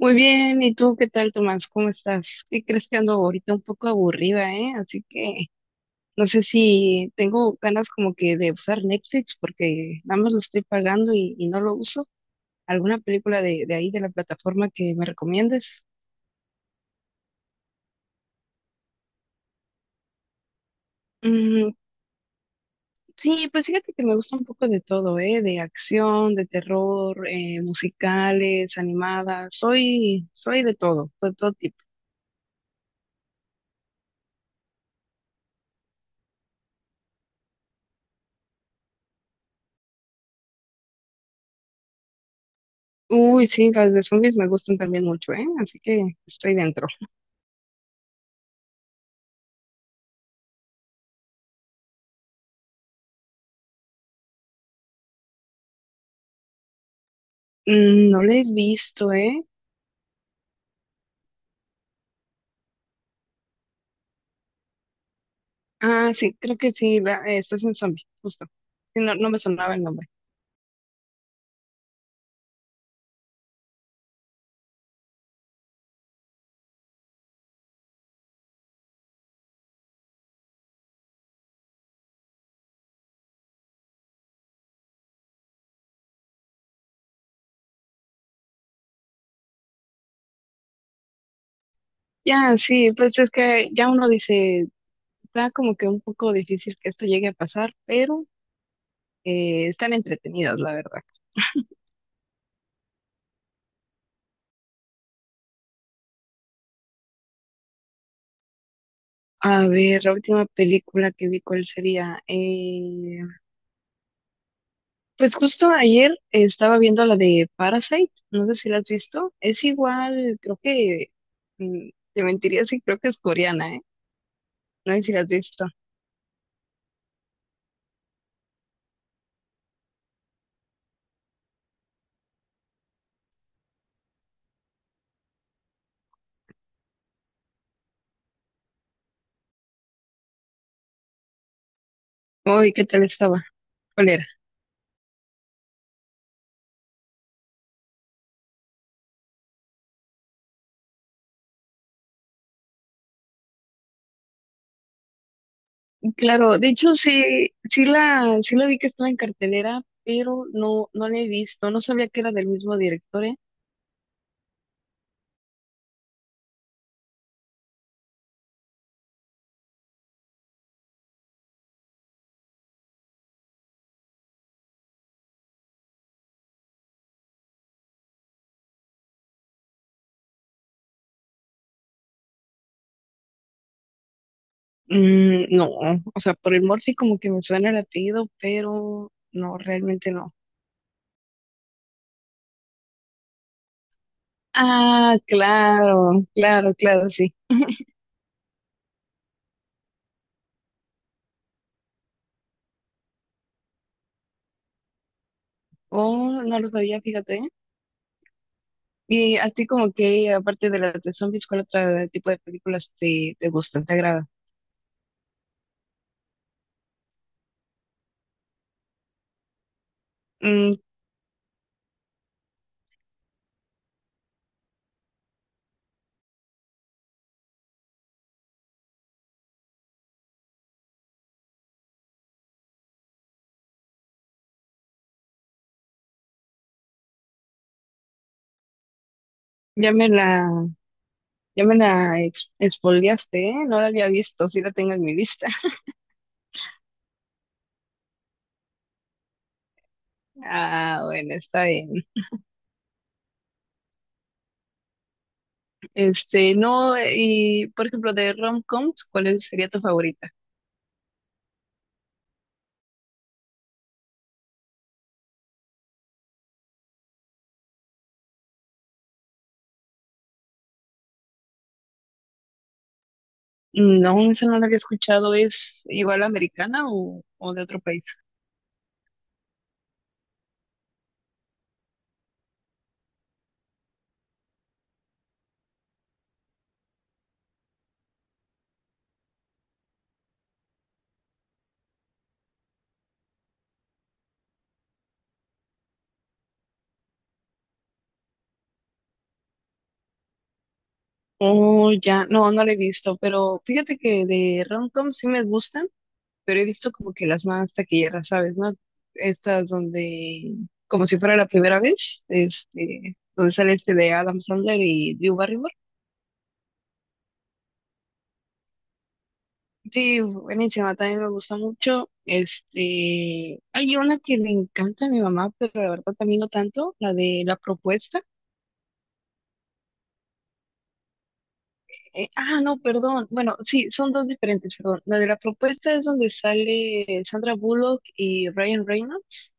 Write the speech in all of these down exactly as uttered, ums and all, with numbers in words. Muy bien, ¿y tú qué tal, Tomás? ¿Cómo estás? ¿Qué crees? Que ando ahorita un poco aburrida, eh? así que no sé si tengo ganas como que de usar Netflix porque nada más lo estoy pagando y, y no lo uso. ¿Alguna película de, de ahí, de la plataforma que me recomiendes? Mm, sí, pues fíjate que me gusta un poco de todo, eh, de acción, de terror, eh, musicales, animadas. Soy, soy de todo, de todo tipo. Uy, sí, las de zombies me gustan también mucho, eh, así que estoy dentro. Mm, no lo he visto, ¿eh? Ah, sí, creo que sí, la- eh, estás en zombie, justo. Sí, no, no me sonaba el nombre. Ya, sí, pues es que ya uno dice, está como que un poco difícil que esto llegue a pasar, pero eh, están entretenidas, la verdad. A ver, la última película que vi, ¿cuál sería? Eh, pues justo ayer estaba viendo la de Parasite, no sé si la has visto. Es igual, creo que, mm, te mentiría si creo que es coreana, ¿eh? No sé si la has visto. Uy, ¿qué tal estaba? ¿Cuál era? Claro, de hecho sí, sí la, sí la vi que estaba en cartelera, pero no, no la he visto, no sabía que era del mismo director, ¿eh? Mm, no, o sea, por el Morphy como que me suena el apellido, pero no, realmente no. Ah, claro, claro, claro, sí. Oh, no lo sabía, fíjate. ¿Eh? Y a ti como que, aparte de las de zombies, ¿cuál otro tipo de películas te, te gustan, te agrada? Mm, ya me la, ya me la ex- expoliaste, ¿eh? No la había visto, sí la tengo en mi lista. Ah, bueno, está bien. Este, no, y por ejemplo, de rom-coms, ¿cuál es- sería tu favorita? No, esa no la había escuchado. ¿Es igual americana o, o de otro país? Oh, ya, no, no la he visto, pero fíjate que de rom-coms sí me gustan, pero he visto como que las más taquilleras, ¿sabes? ¿No? Estas donde, como si fuera la primera vez, este, donde sale este de Adam Sandler y Drew Barrymore. Sí, buenísima, también me gusta mucho. Este, hay una que le encanta a mi mamá, pero la verdad también no tanto, la de la propuesta. Eh, ah, no, perdón. Bueno, sí, son dos diferentes, perdón. La de la propuesta es donde sale Sandra Bullock y Ryan Reynolds.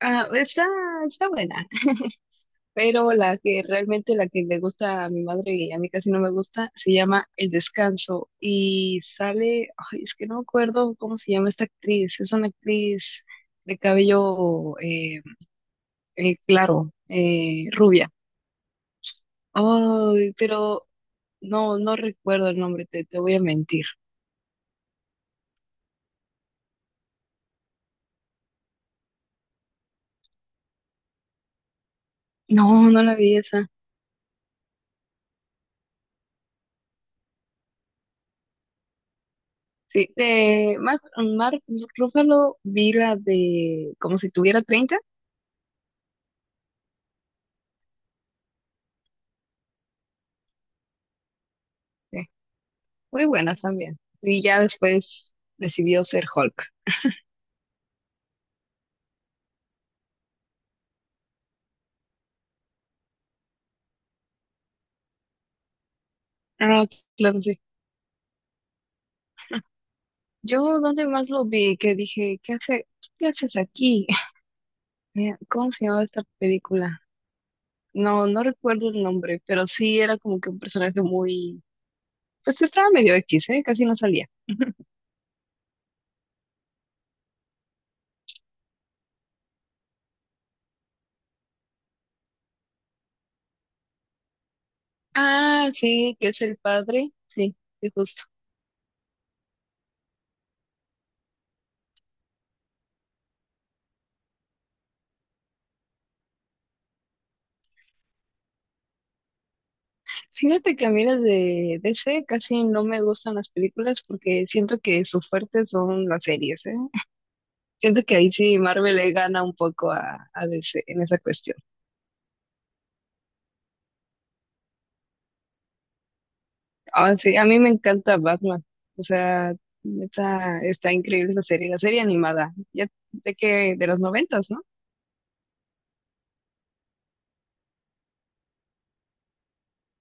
Ah, está, está buena. Pero la que realmente la que le gusta a mi madre y a mí casi no me gusta se llama El Descanso y sale, ay, es que no me acuerdo cómo se llama esta actriz, es una actriz de cabello eh, eh, claro, eh, rubia. Ay, pero no, no recuerdo el nombre, te, te voy a mentir. No, no la vi esa. Sí, de Mark, Mark Ruffalo vi la de como si tuviera treinta. Sí. Muy buenas también. Y ya después decidió ser Hulk. Ah, claro, sí. Yo donde más lo vi, que dije, ¿qué hace, ¿qué haces aquí? Eh, ¿cómo se llamaba esta película? No, no recuerdo el nombre, pero sí era como que un personaje muy, pues estaba medio X, ¿eh? Casi no salía. Ah, sí, que es el padre. Sí, sí, justo. Fíjate que a mí las de D C casi no me gustan las películas porque siento que su fuerte son las series, ¿eh? Siento que ahí sí Marvel le gana un poco a, a D C en esa cuestión. Ah, sí, a mí me encanta Batman. O sea, neta, está increíble esa serie, la serie animada. Ya de que de los noventas, ¿no?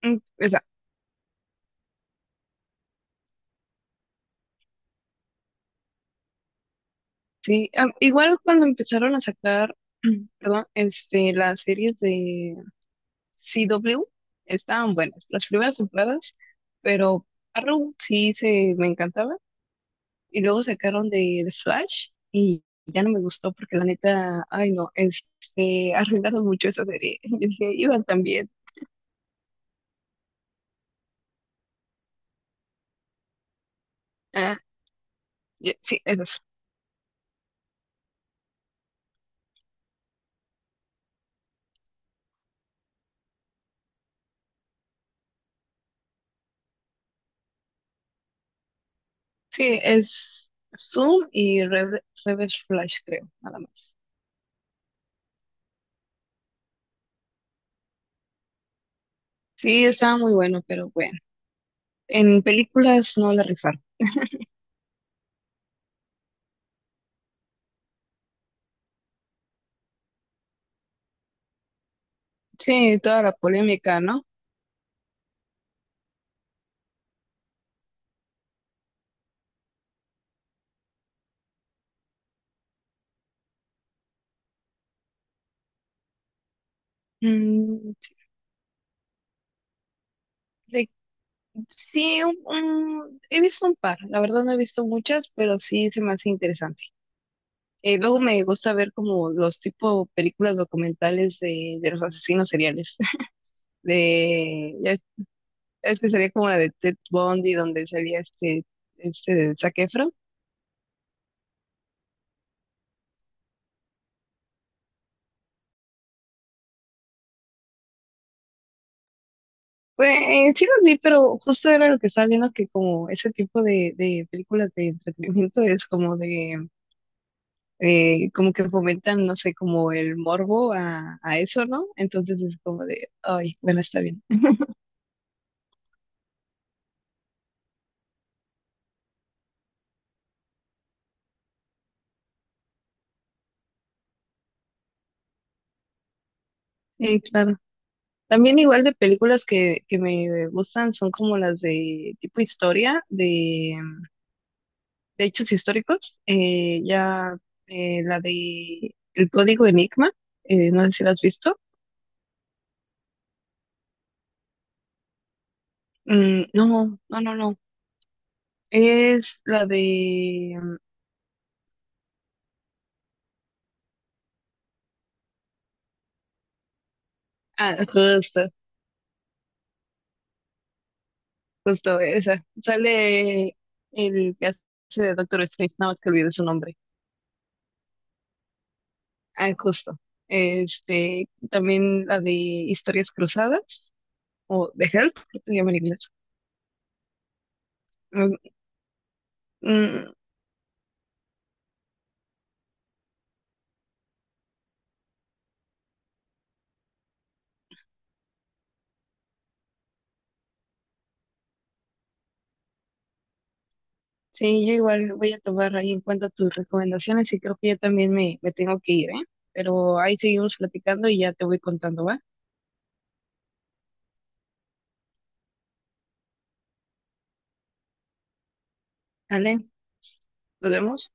Mm, esa, sí. Ah, igual cuando empezaron a sacar, perdón, este, las series de C W estaban buenas, las primeras temporadas, pero Arrow sí se me encantaba. Y luego sacaron de, de Flash y ya no me gustó porque la neta, ay no, este, arruinaron mucho esa serie. Yo dije, iban también. Ah, ya- sí, es eso. Sí, es Zoom y Rever- Reverse Flash, creo, nada más. Sí, estaba muy bueno, pero bueno. En películas no la rifaron. Sí, toda la polémica, ¿no? Mm, de- sí, un- un- he visto un par. La verdad no he visto muchas, pero sí se me hace interesante. Eh, luego me gusta ver como los tipo películas documentales de, de los asesinos seriales. De, ya es, es que sería como la de Ted Bundy, donde salía este, este Zac Efron. Pues eh, sí los vi, pero justo era lo que estaba viendo que como ese tipo de, de películas de entretenimiento es como de, eh, como que fomentan, no sé, como el morbo a, a eso, ¿no? Entonces es como de, ay, bueno, está bien. Sí, claro. También igual de películas que, que me gustan son como las de tipo historia, de, de hechos históricos. Eh, ya eh, la de El Código Enigma, eh, no sé si la has visto. Mm, no, no, no, no. Es la de... mm, ah, justo, justo esa. Sale el que hace de Doctor Strange, nada más que olvidé su nombre. Ah, justo. Este, también la de Historias Cruzadas, o The Help, creo que se llama en inglés. Mm, mm, sí, yo igual voy a tomar ahí en cuenta tus recomendaciones y creo que yo también me, me tengo que ir, ¿eh? Pero ahí seguimos platicando y ya te voy contando, ¿va? Dale, nos vemos.